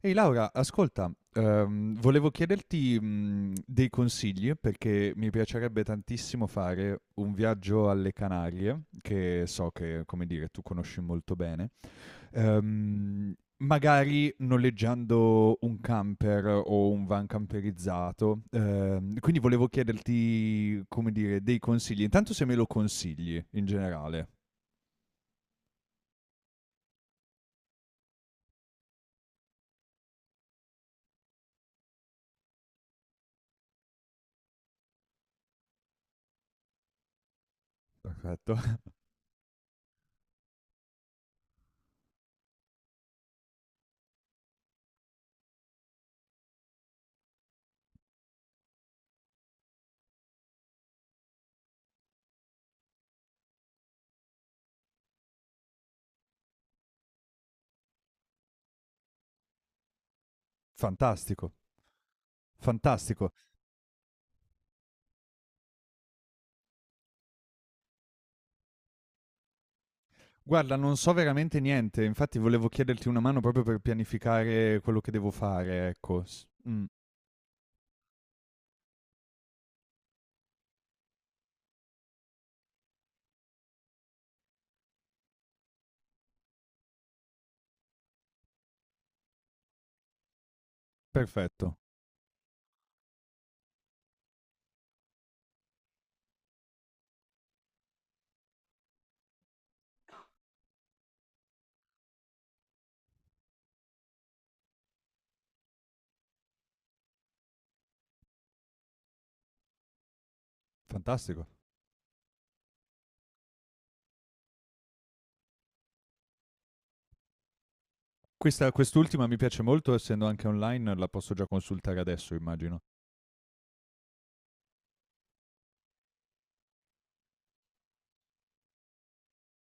Ehi Laura, ascolta, volevo chiederti, dei consigli perché mi piacerebbe tantissimo fare un viaggio alle Canarie, che so che, come dire, tu conosci molto bene, ehm, magari noleggiando un camper o un van camperizzato. Quindi volevo chiederti, come dire, dei consigli. Intanto se me lo consigli in generale. Perfetto. Fantastico, fantastico. Guarda, non so veramente niente, infatti volevo chiederti una mano proprio per pianificare quello che devo fare, ecco. Perfetto, fantastico. Questa, quest'ultima mi piace molto, essendo anche online, la posso già consultare adesso, immagino.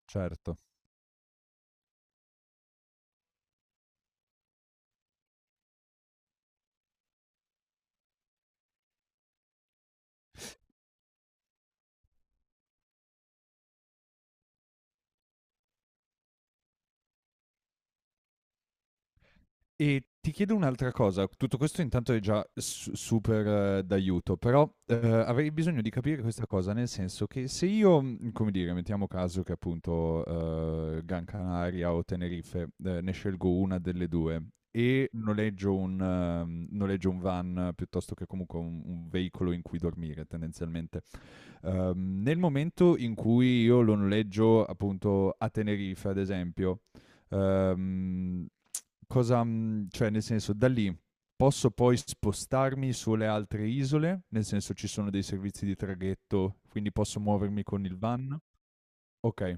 Certo. E ti chiedo un'altra cosa, tutto questo intanto è già su super d'aiuto, però, avrei bisogno di capire questa cosa, nel senso che se io, come dire, mettiamo caso che appunto, Gran Canaria o Tenerife, ne scelgo una delle 2 e noleggio noleggio un van piuttosto che comunque un veicolo in cui dormire tendenzialmente, nel momento in cui io lo noleggio appunto a Tenerife ad esempio, ehm cosa, cioè nel senso, da lì posso poi spostarmi sulle altre isole? Nel senso ci sono dei servizi di traghetto, quindi posso muovermi con il van? Okay,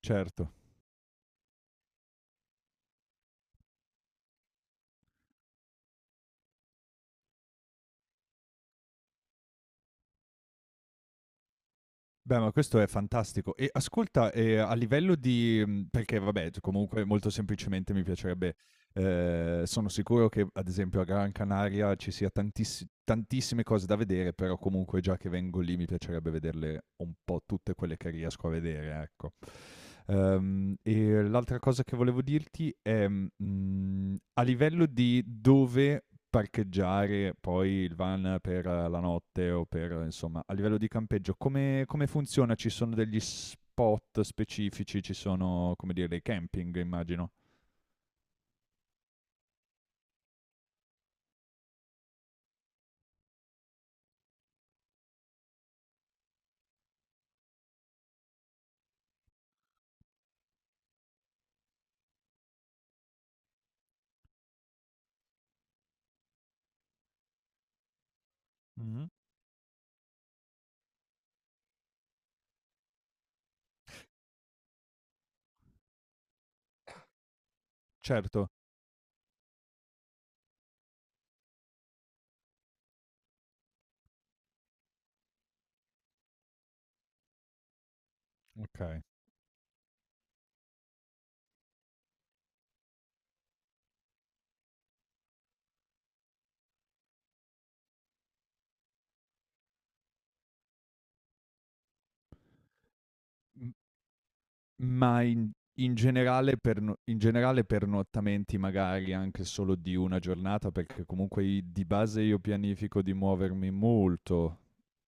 certo. Beh, ma questo è fantastico. E ascolta, a livello di perché vabbè, c comunque molto semplicemente mi piacerebbe sono sicuro che ad esempio a Gran Canaria ci sia tantissime cose da vedere, però comunque già che vengo lì mi piacerebbe vederle un po' tutte quelle che riesco a vedere, ecco. E l'altra cosa che volevo dirti è, a livello di dove parcheggiare poi il van per la notte o per insomma, a livello di campeggio come funziona? Ci sono degli spot specifici? Ci sono, come dire, dei camping immagino. Mh-mh. Certo. Okay. M ma in in generale per no in generale pernottamenti magari anche solo di una giornata, perché comunque i di base io pianifico di muovermi molto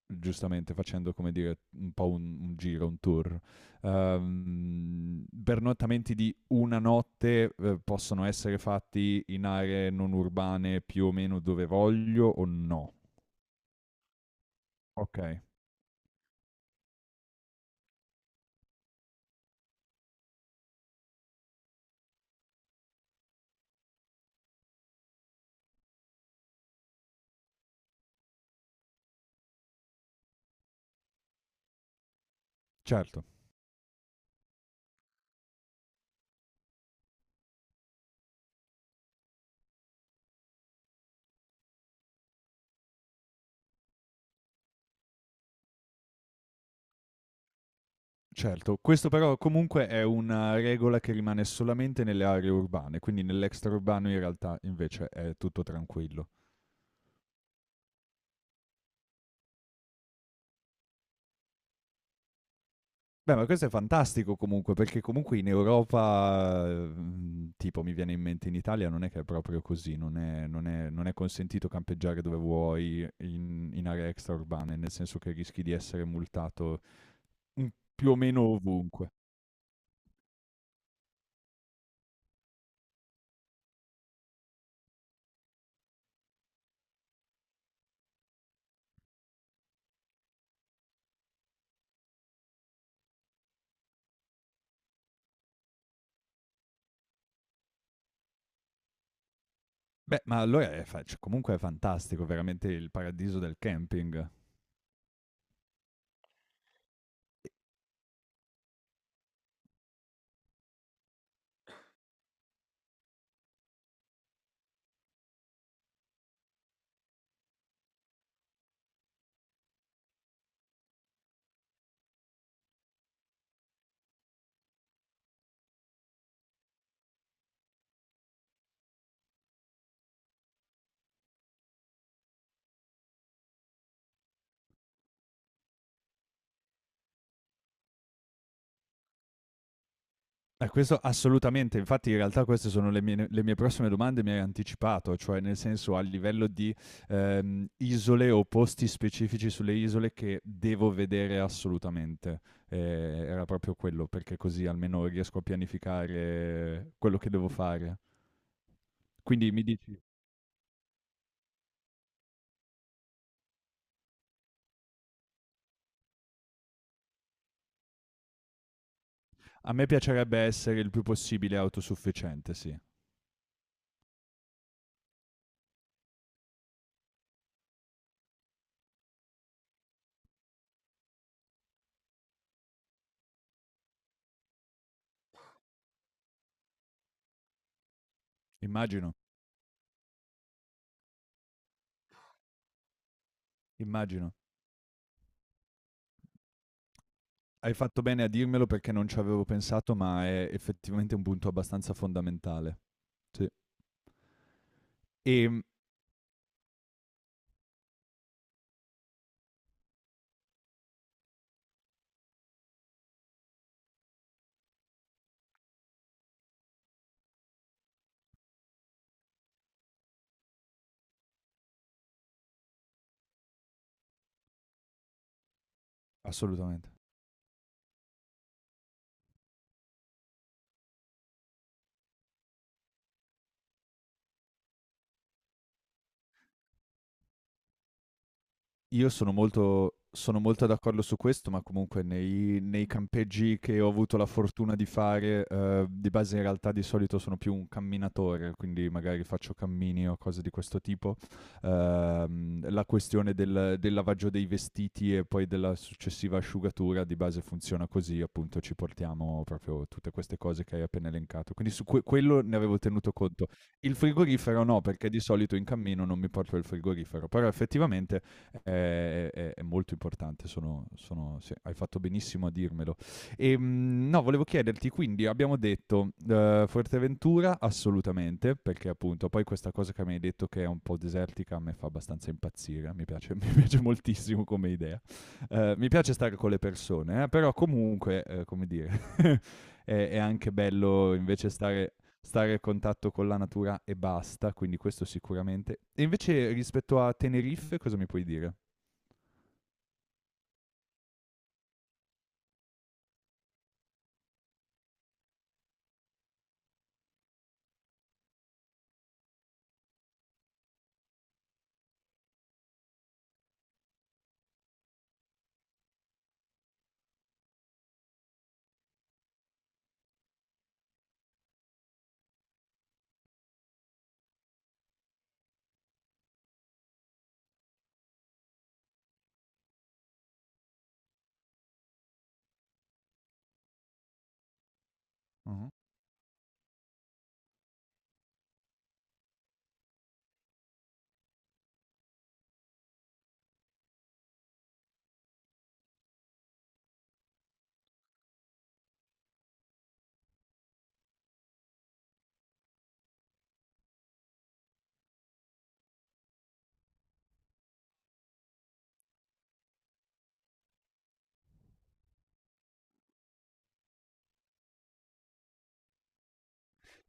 giustamente facendo come dire un po' un giro, un tour. Pernottamenti di una notte possono essere fatti in aree non urbane più o meno dove voglio o no? Ok, certo. Certo, questo però comunque è una regola che rimane solamente nelle aree urbane, quindi nell'extraurbano in realtà invece è tutto tranquillo. Beh, ma questo è fantastico comunque, perché comunque in Europa, tipo mi viene in mente in Italia non è che è proprio così, non è non è consentito campeggiare dove vuoi in aree extraurbane, nel senso che rischi di essere multato, mhmm, più o meno ovunque. Beh, ma allora è fa cioè comunque è fantastico, veramente il paradiso del camping. Questo assolutamente, infatti in realtà queste sono le mie prossime domande, mi hai anticipato, cioè nel senso a livello di isole o posti specifici sulle isole che devo vedere assolutamente. Era proprio quello, perché così almeno riesco a pianificare quello che devo fare. Quindi mi dici, a me piacerebbe essere il più possibile autosufficiente, sì. Immagino, immagino. Hai fatto bene a dirmelo perché non ci avevo pensato, ma è effettivamente un punto abbastanza fondamentale. Sì. Ehm, Assolutamente. Io sono molto d'accordo su questo, ma comunque nei nei campeggi che ho avuto la fortuna di fare, di base in realtà di solito sono più un camminatore, quindi magari faccio cammini o cose di questo tipo, la questione del lavaggio dei vestiti e poi della successiva asciugatura di base funziona così, appunto ci portiamo proprio tutte queste cose che hai appena elencato. Quindi su quello ne avevo tenuto conto. Il frigorifero no, perché di solito in cammino non mi porto il frigorifero, però effettivamente è molto importante, sì, hai fatto benissimo a dirmelo. E, no, volevo chiederti, quindi abbiamo detto Fuerteventura assolutamente, perché appunto poi questa cosa che mi hai detto che è un po' desertica a me fa abbastanza impazzire, mi piace, mi piace moltissimo come idea. Mi piace stare con le persone, però comunque, come dire, è anche bello invece stare a contatto con la natura e basta, quindi questo sicuramente. E invece rispetto a Tenerife, cosa mi puoi dire? Mhm.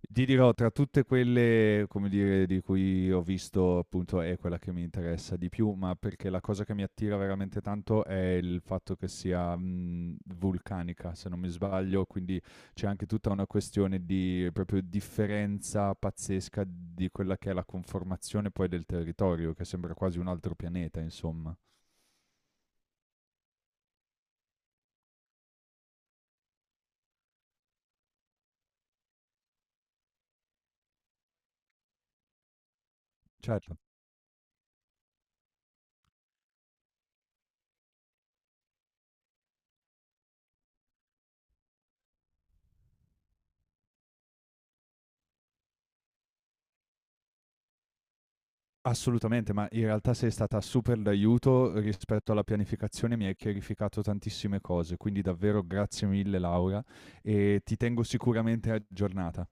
Ti dirò, tra tutte quelle, come dire, di cui ho visto, appunto, è quella che mi interessa di più, ma perché la cosa che mi attira veramente tanto è il fatto che sia vulcanica, se non mi sbaglio, quindi c'è anche tutta una questione di proprio differenza pazzesca di quella che è la conformazione poi del territorio, che sembra quasi un altro pianeta, insomma. Certo. Assolutamente, ma in realtà sei stata super d'aiuto rispetto alla pianificazione, mi hai chiarificato tantissime cose, quindi davvero grazie mille Laura e ti tengo sicuramente aggiornata.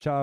Ciao!